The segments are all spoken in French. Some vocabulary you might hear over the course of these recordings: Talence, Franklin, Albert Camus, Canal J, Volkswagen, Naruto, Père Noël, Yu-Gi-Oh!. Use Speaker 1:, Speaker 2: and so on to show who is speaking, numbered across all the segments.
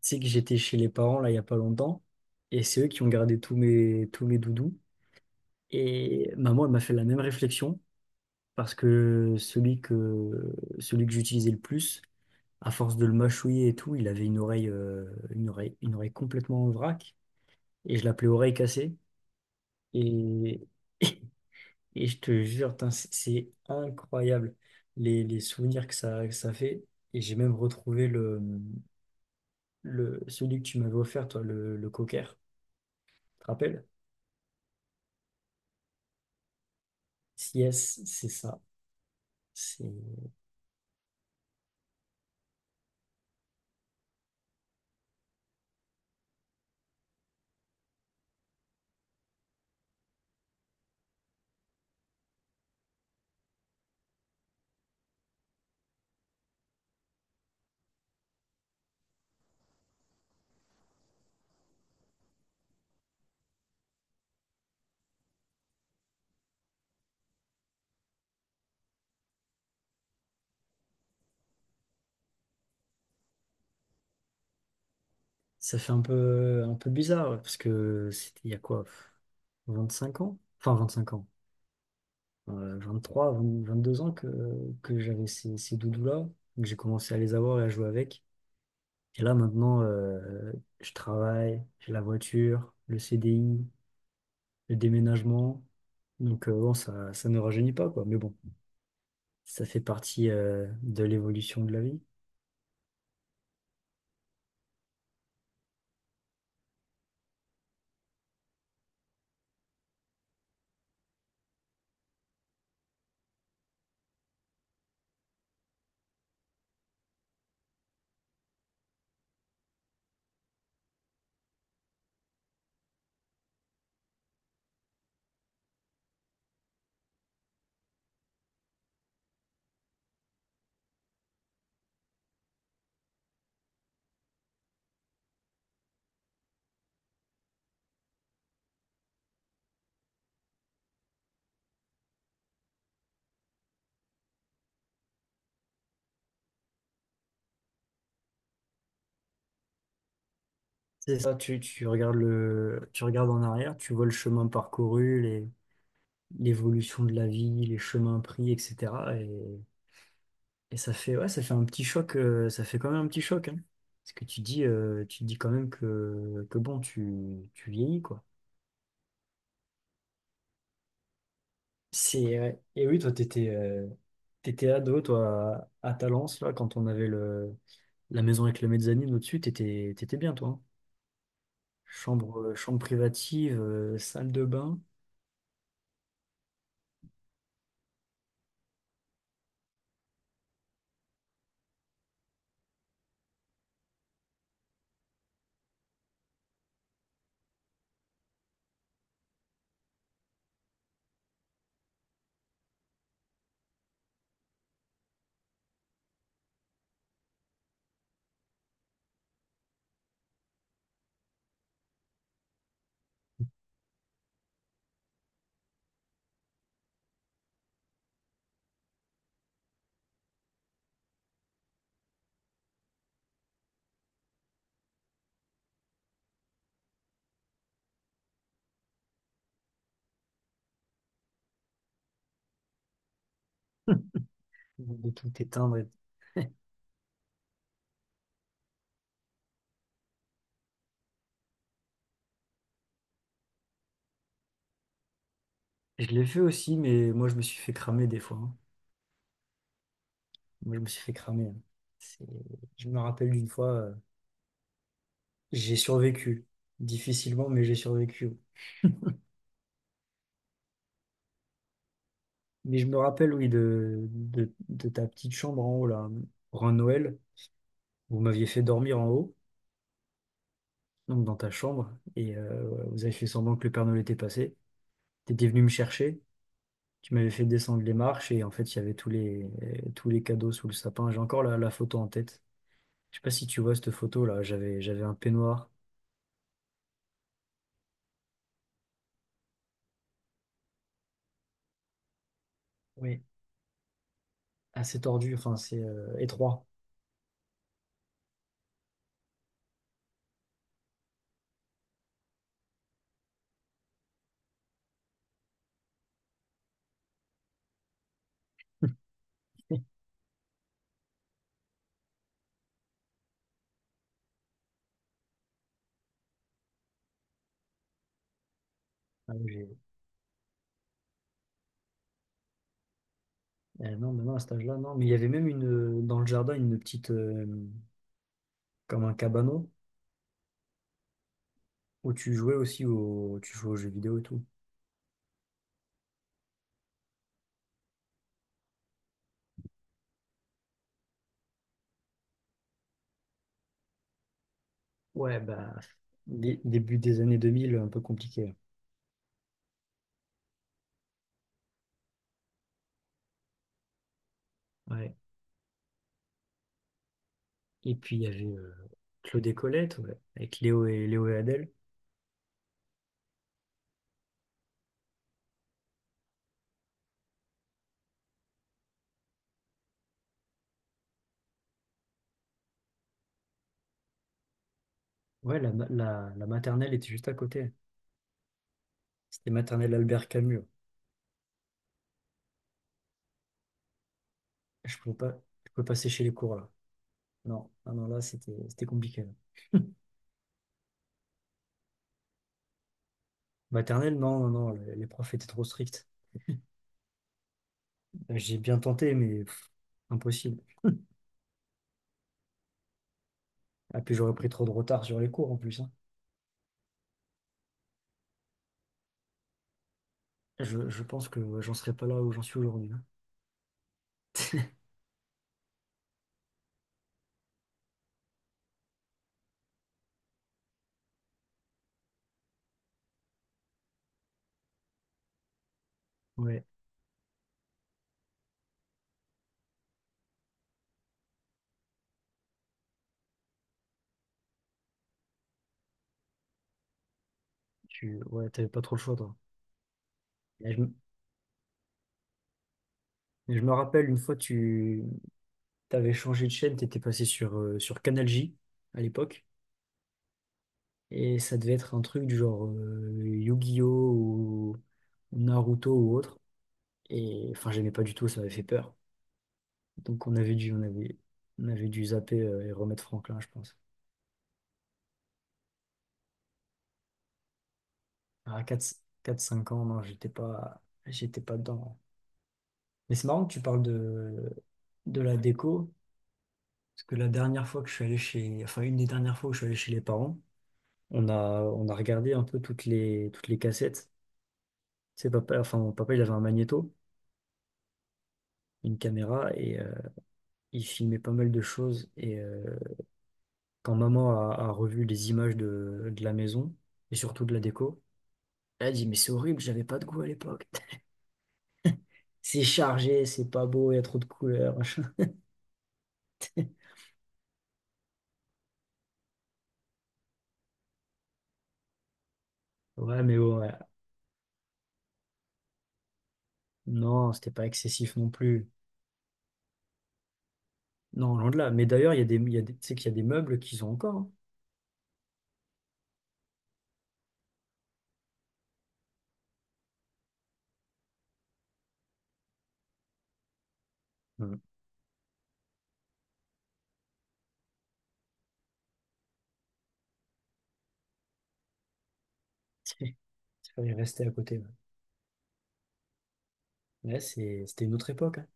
Speaker 1: Tu sais que j'étais chez les parents là il y a pas longtemps et c'est eux qui ont gardé tous mes doudous et maman elle m'a fait la même réflexion parce que celui que j'utilisais le plus à force de le mâchouiller et tout il avait une oreille complètement en vrac et je l'appelais oreille cassée et et je te jure putain, c'est incroyable les souvenirs que ça fait et j'ai même retrouvé le celui que tu m'avais offert toi le cocker tu te rappelles. Yes, c'est ça. C'est, Ça fait un peu bizarre, ouais, parce que c'était il y a quoi, 25 ans? Enfin, 25 ans. 23, 20 22 ans que j'avais ces doudous-là, que j'ai commencé à les avoir et à jouer avec. Et là, maintenant, je travaille, j'ai la voiture, le CDI, le déménagement. Donc, bon, ça ne rajeunit pas, quoi. Mais bon, ça fait partie, de l'évolution de la vie. C'est ça, tu regardes tu regardes en arrière, tu vois le chemin parcouru, l'évolution de la vie, les chemins pris, etc. Et ça fait, ouais, ça fait un petit choc, ça fait quand même un petit choc, hein. Parce que tu dis quand même que bon, tu vieillis, quoi. C'est, ouais. Et oui, toi, t'étais ado, toi, à Talence, là, quand on avait la maison avec la mezzanine au-dessus, t'étais bien, toi, hein. Chambre privative, salle de bain. De tout éteindre. Et je l'ai fait aussi, mais moi, je me suis fait cramer des fois, hein. Moi, je me suis fait cramer, hein. C'est- Je me rappelle d'une fois, j'ai survécu. Difficilement, mais j'ai survécu. Mais je me rappelle, oui, de ta petite chambre en haut, là. Pour un Noël, vous m'aviez fait dormir en haut, donc dans ta chambre, et vous avez fait semblant que le Père Noël était passé. Tu étais venu me chercher, tu m'avais fait descendre les marches, et en fait, il y avait tous les cadeaux sous le sapin. J'ai encore la photo en tête. Je sais pas si tu vois cette photo, là. J'avais un peignoir. Oui. Assez tordu, enfin c'est étroit. Ah oui, non, mais non, à cet âge-là, non. Mais il y avait même dans le jardin une petite, comme un cabanon, où tu jouais aussi au, tu jouais aux jeux vidéo et tout. Ouais, bah, début des années 2000, un peu compliqué. Ouais. Et puis il y avait Claude et Colette, ouais, avec Léo et Adèle. Ouais, la maternelle était juste à côté. C'était maternelle Albert Camus. Je pouvais pas, je pouvais passer chez les cours là. Non, ah non, là, c'était compliqué. Maternelle, non, non, non, les profs étaient trop stricts. J'ai bien tenté, mais pff, impossible. Ah, puis j'aurais pris trop de retard sur les cours en plus, hein. Je pense que ouais, j'en serais pas là où j'en suis aujourd'hui, hein. Ouais, tu ouais, t'avais pas trop le choix, toi. Et je me rappelle une fois, tu t'avais changé de chaîne, t'étais passé sur Canal J à l'époque, et ça devait être un truc du genre Yu-Gi-Oh! Ou Naruto ou autre. Et enfin, j'aimais pas du tout, ça m'avait fait peur. Donc on avait dû zapper et remettre Franklin, je pense. À quatre cinq ans, non, j'étais pas dedans. Mais c'est marrant que tu parles de la déco, parce que la dernière fois que je suis allé enfin une des dernières fois où je suis allé chez les parents, on a regardé un peu toutes les cassettes. Tu sais, papa, enfin mon papa, il avait un magnéto, une caméra, et il filmait pas mal de choses. Et quand maman a revu les images de la maison, et surtout de la déco, elle a dit, mais c'est horrible, j'avais pas de goût à l'époque. C'est chargé, c'est pas beau, il y a trop de couleurs, machin. Ouais, mais bon, ouais. Non, c'était pas excessif non plus. Non, loin de là. Mais d'ailleurs, il y a des, il y a des, tu sais qu'il y a des meubles qu'ils ont encore, hein. Mm. Il fallait rester à côté. Ouais. Ouais, c'est, c'était une autre époque, hein.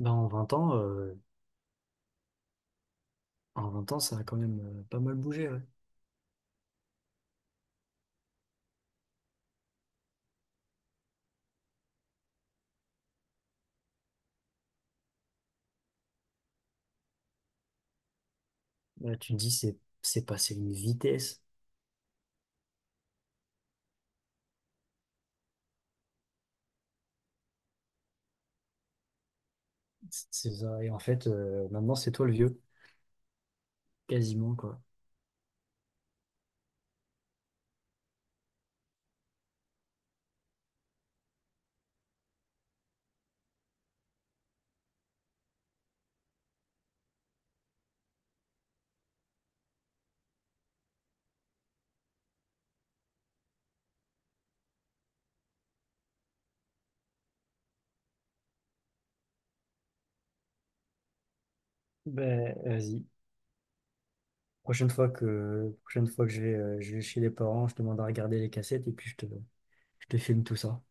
Speaker 1: Ben, en vingt ans, ça a quand même pas mal bougé. Ouais. Là, tu te dis, c'est passé une vitesse. C'est ça. Et en fait, maintenant, c'est toi le vieux, quasiment, quoi. Ben, vas-y. Prochaine fois que je vais chez les parents, je te demande à regarder les cassettes et puis je te filme tout ça.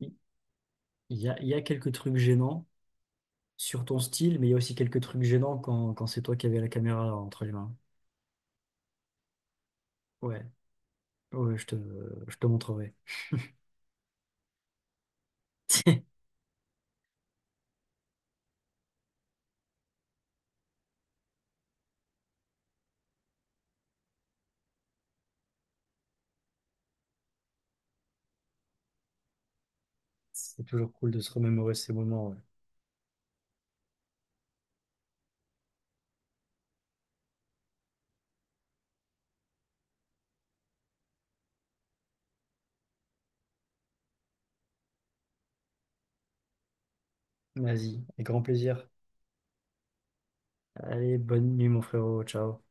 Speaker 1: Il il y a quelques trucs gênants sur ton style, mais il y a aussi quelques trucs gênants quand c'est toi qui avais la caméra entre les mains. Ouais, ouais, je te montrerai. C'est toujours cool de se remémorer ces moments, ouais. Vas-y, avec grand plaisir. Allez, bonne nuit, mon frérot. Ciao.